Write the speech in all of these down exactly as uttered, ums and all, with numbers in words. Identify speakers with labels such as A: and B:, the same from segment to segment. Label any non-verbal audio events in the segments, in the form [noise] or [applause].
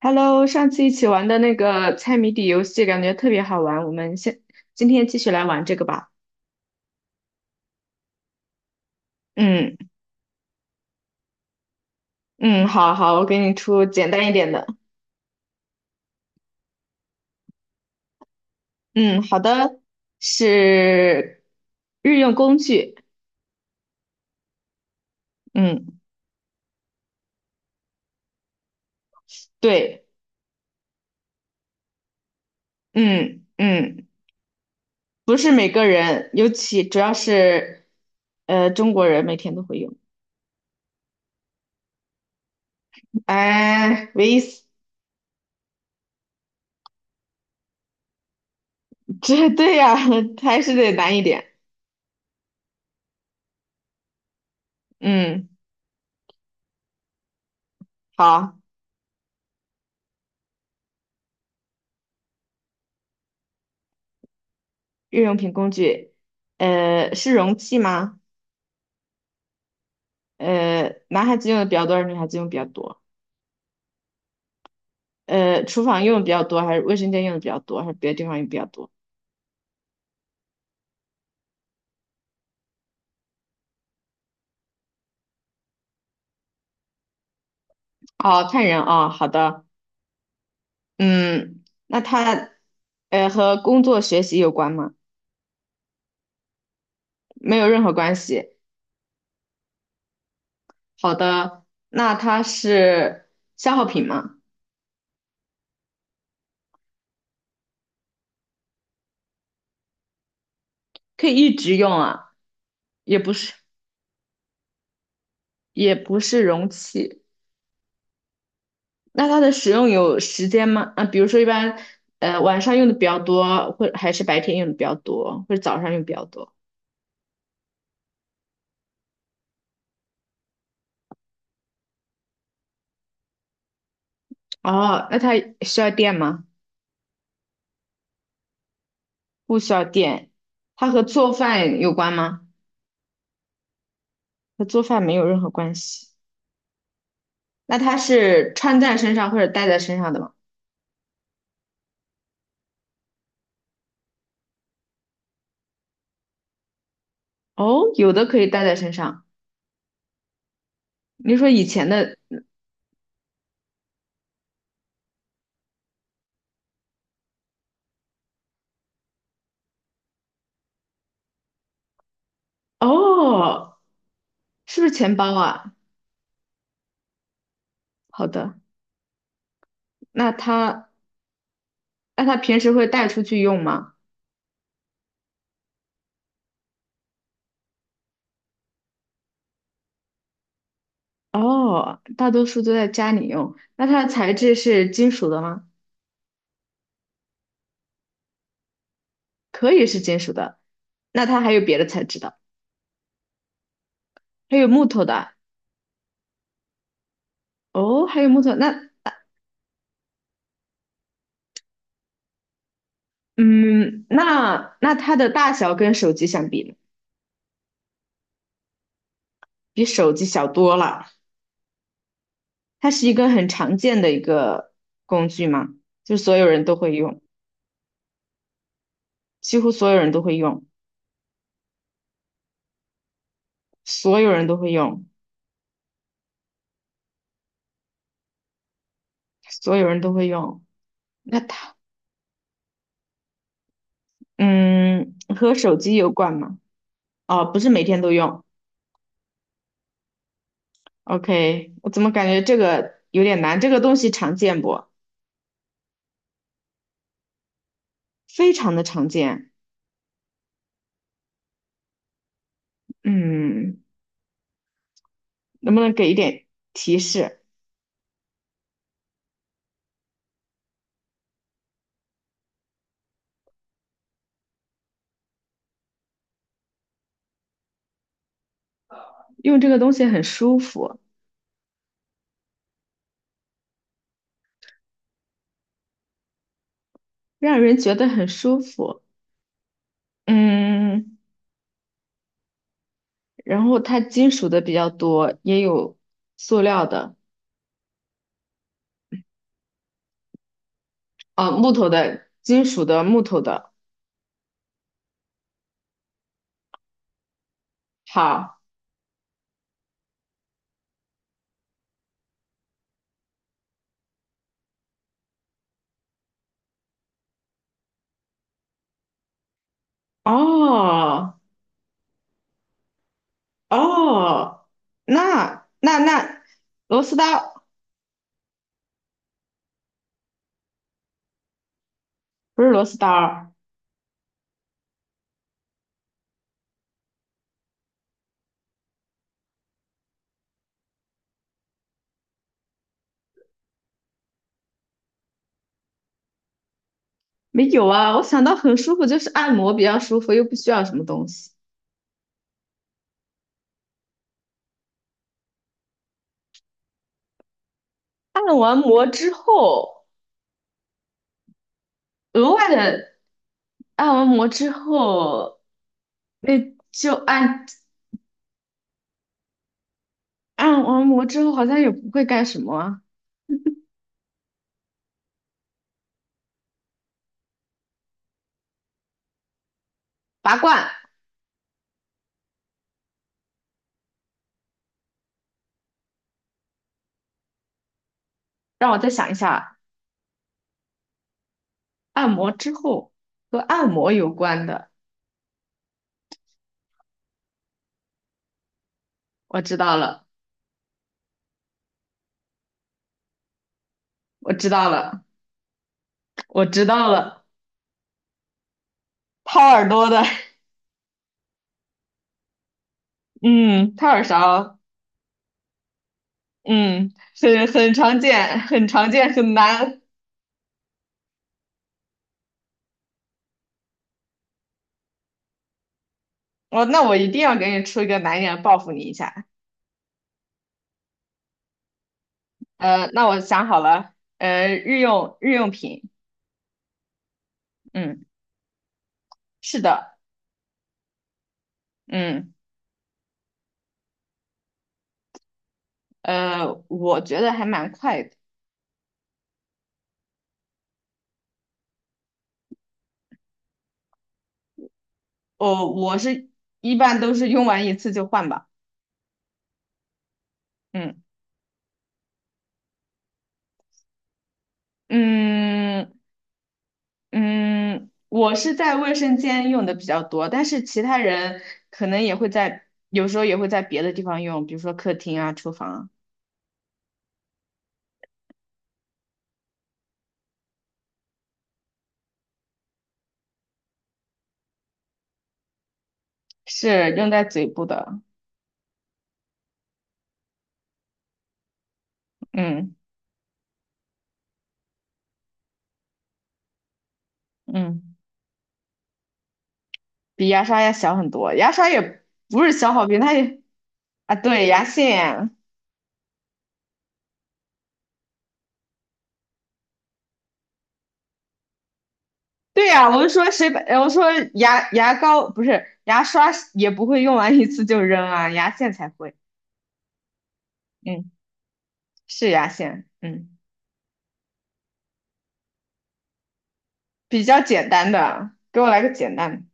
A: Hello，上次一起玩的那个猜谜底游戏感觉特别好玩，我们先今天继续来玩这个吧。嗯嗯，好好，我给你出简单一点的。嗯，好的，是日用工具。嗯，对，嗯嗯，不是每个人，尤其主要是呃中国人每天都会用。哎，唯一死 [laughs] 这对呀、[laughs] 还是得难一点。嗯，好，日用品工具，呃，是容器吗？呃，男孩子用的比较多，还是女孩子用比较多？呃，厨房用的比较多，还是卫生间用的比较多，还是别的地方用比较多？哦，看人啊，好的，嗯，那他，呃，和工作学习有关吗？没有任何关系。好的，那它是消耗品吗？可以一直用啊，也不是，也不是容器。那它的使用有时间吗？啊，比如说一般，呃，晚上用的比较多，或还是白天用的比较多，或者早上用比较多？哦，那它需要电吗？不需要电。它和做饭有关吗？和做饭没有任何关系。那它是穿在身上或者戴在身上的吗？哦，有的可以戴在身上。你说以前的，哦，是不是钱包啊？好的，那它那它平时会带出去用吗？哦，大多数都在家里用。那它的材质是金属的吗？可以是金属的。那它还有别的材质的，还有木头的。哦，还有木头，那嗯，那那它的大小跟手机相比呢比手机小多了。它是一个很常见的一个工具嘛，就所有人都会用，几乎所有人都会用，所有人都会用，所有人都会用。那它，嗯，和手机有关吗？哦，不是每天都用。OK，我怎么感觉这个有点难？这个东西常见不？非常的常见。嗯，能不能给一点提示？用这个东西很舒服。让人觉得很舒服。嗯，然后它金属的比较多，也有塑料的，啊，木头的、金属的、木头的。好，哦哦，那那那螺丝刀不是螺丝刀儿没有啊。我想到很舒服，就是按摩比较舒服，又不需要什么东西。按完摩之后，额外的按完摩之后，那就按按完摩之后好像也不会干什么啊拔罐，让我再想一下，按摩之后和按摩有关的，我知道了，我知道了，我知道了，掏耳朵的，[laughs] 嗯，掏耳勺，嗯，很很常见，很常见，很难。我那我一定要给你出一个难一点报复你一下。呃，那我想好了，呃，日用日用品，嗯，是的，嗯，呃，我觉得还蛮快的，我我是一般都是用完一次就换吧，嗯。嗯嗯，我是在卫生间用的比较多，但是其他人可能也会在，有时候也会在别的地方用，比如说客厅啊、厨房啊，是用在嘴部的。嗯嗯，比牙刷要小很多，牙刷也不是消耗品，它也啊，对，牙线。对呀，我就说谁把，呃我说牙牙膏不是牙刷也不会用完一次就扔啊，牙线才会。嗯，是牙线，嗯，比较简单的，给我来个简单的。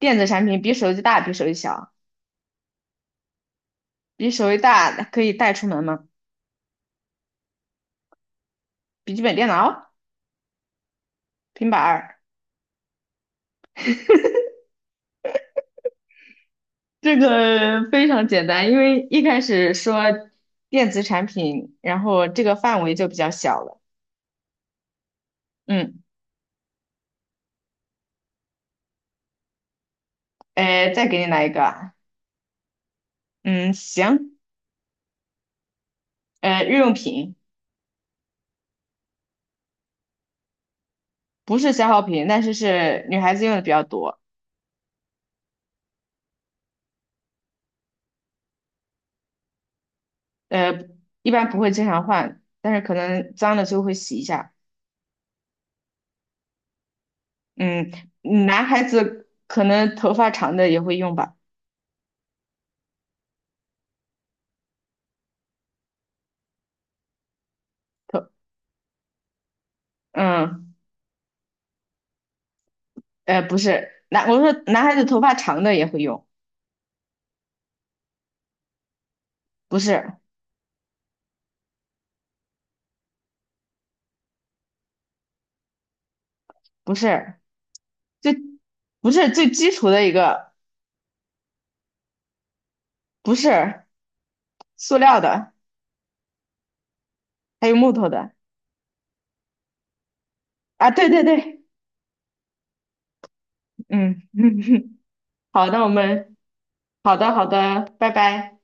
A: 电子产品比手机大，比手机小，比手机大可以带出门吗？笔记本电脑、平板儿，这个 [laughs] 非常简单，因为一开始说电子产品，然后这个范围就比较小了。嗯，呃，再给你来一个啊嗯，行，呃，日用品不是消耗品，但是是女孩子用的比较多，呃，一般不会经常换，但是可能脏了就会洗一下。嗯，嗯男孩子可能头发长的也会用吧，头，嗯。呃，不是，男，我说男孩子头发长的也会用，不是，不是，最，不是最基础的一个，不是塑料的，还有木头的啊，对对对，嗯，[laughs] 好，那我们，好的好的，拜拜。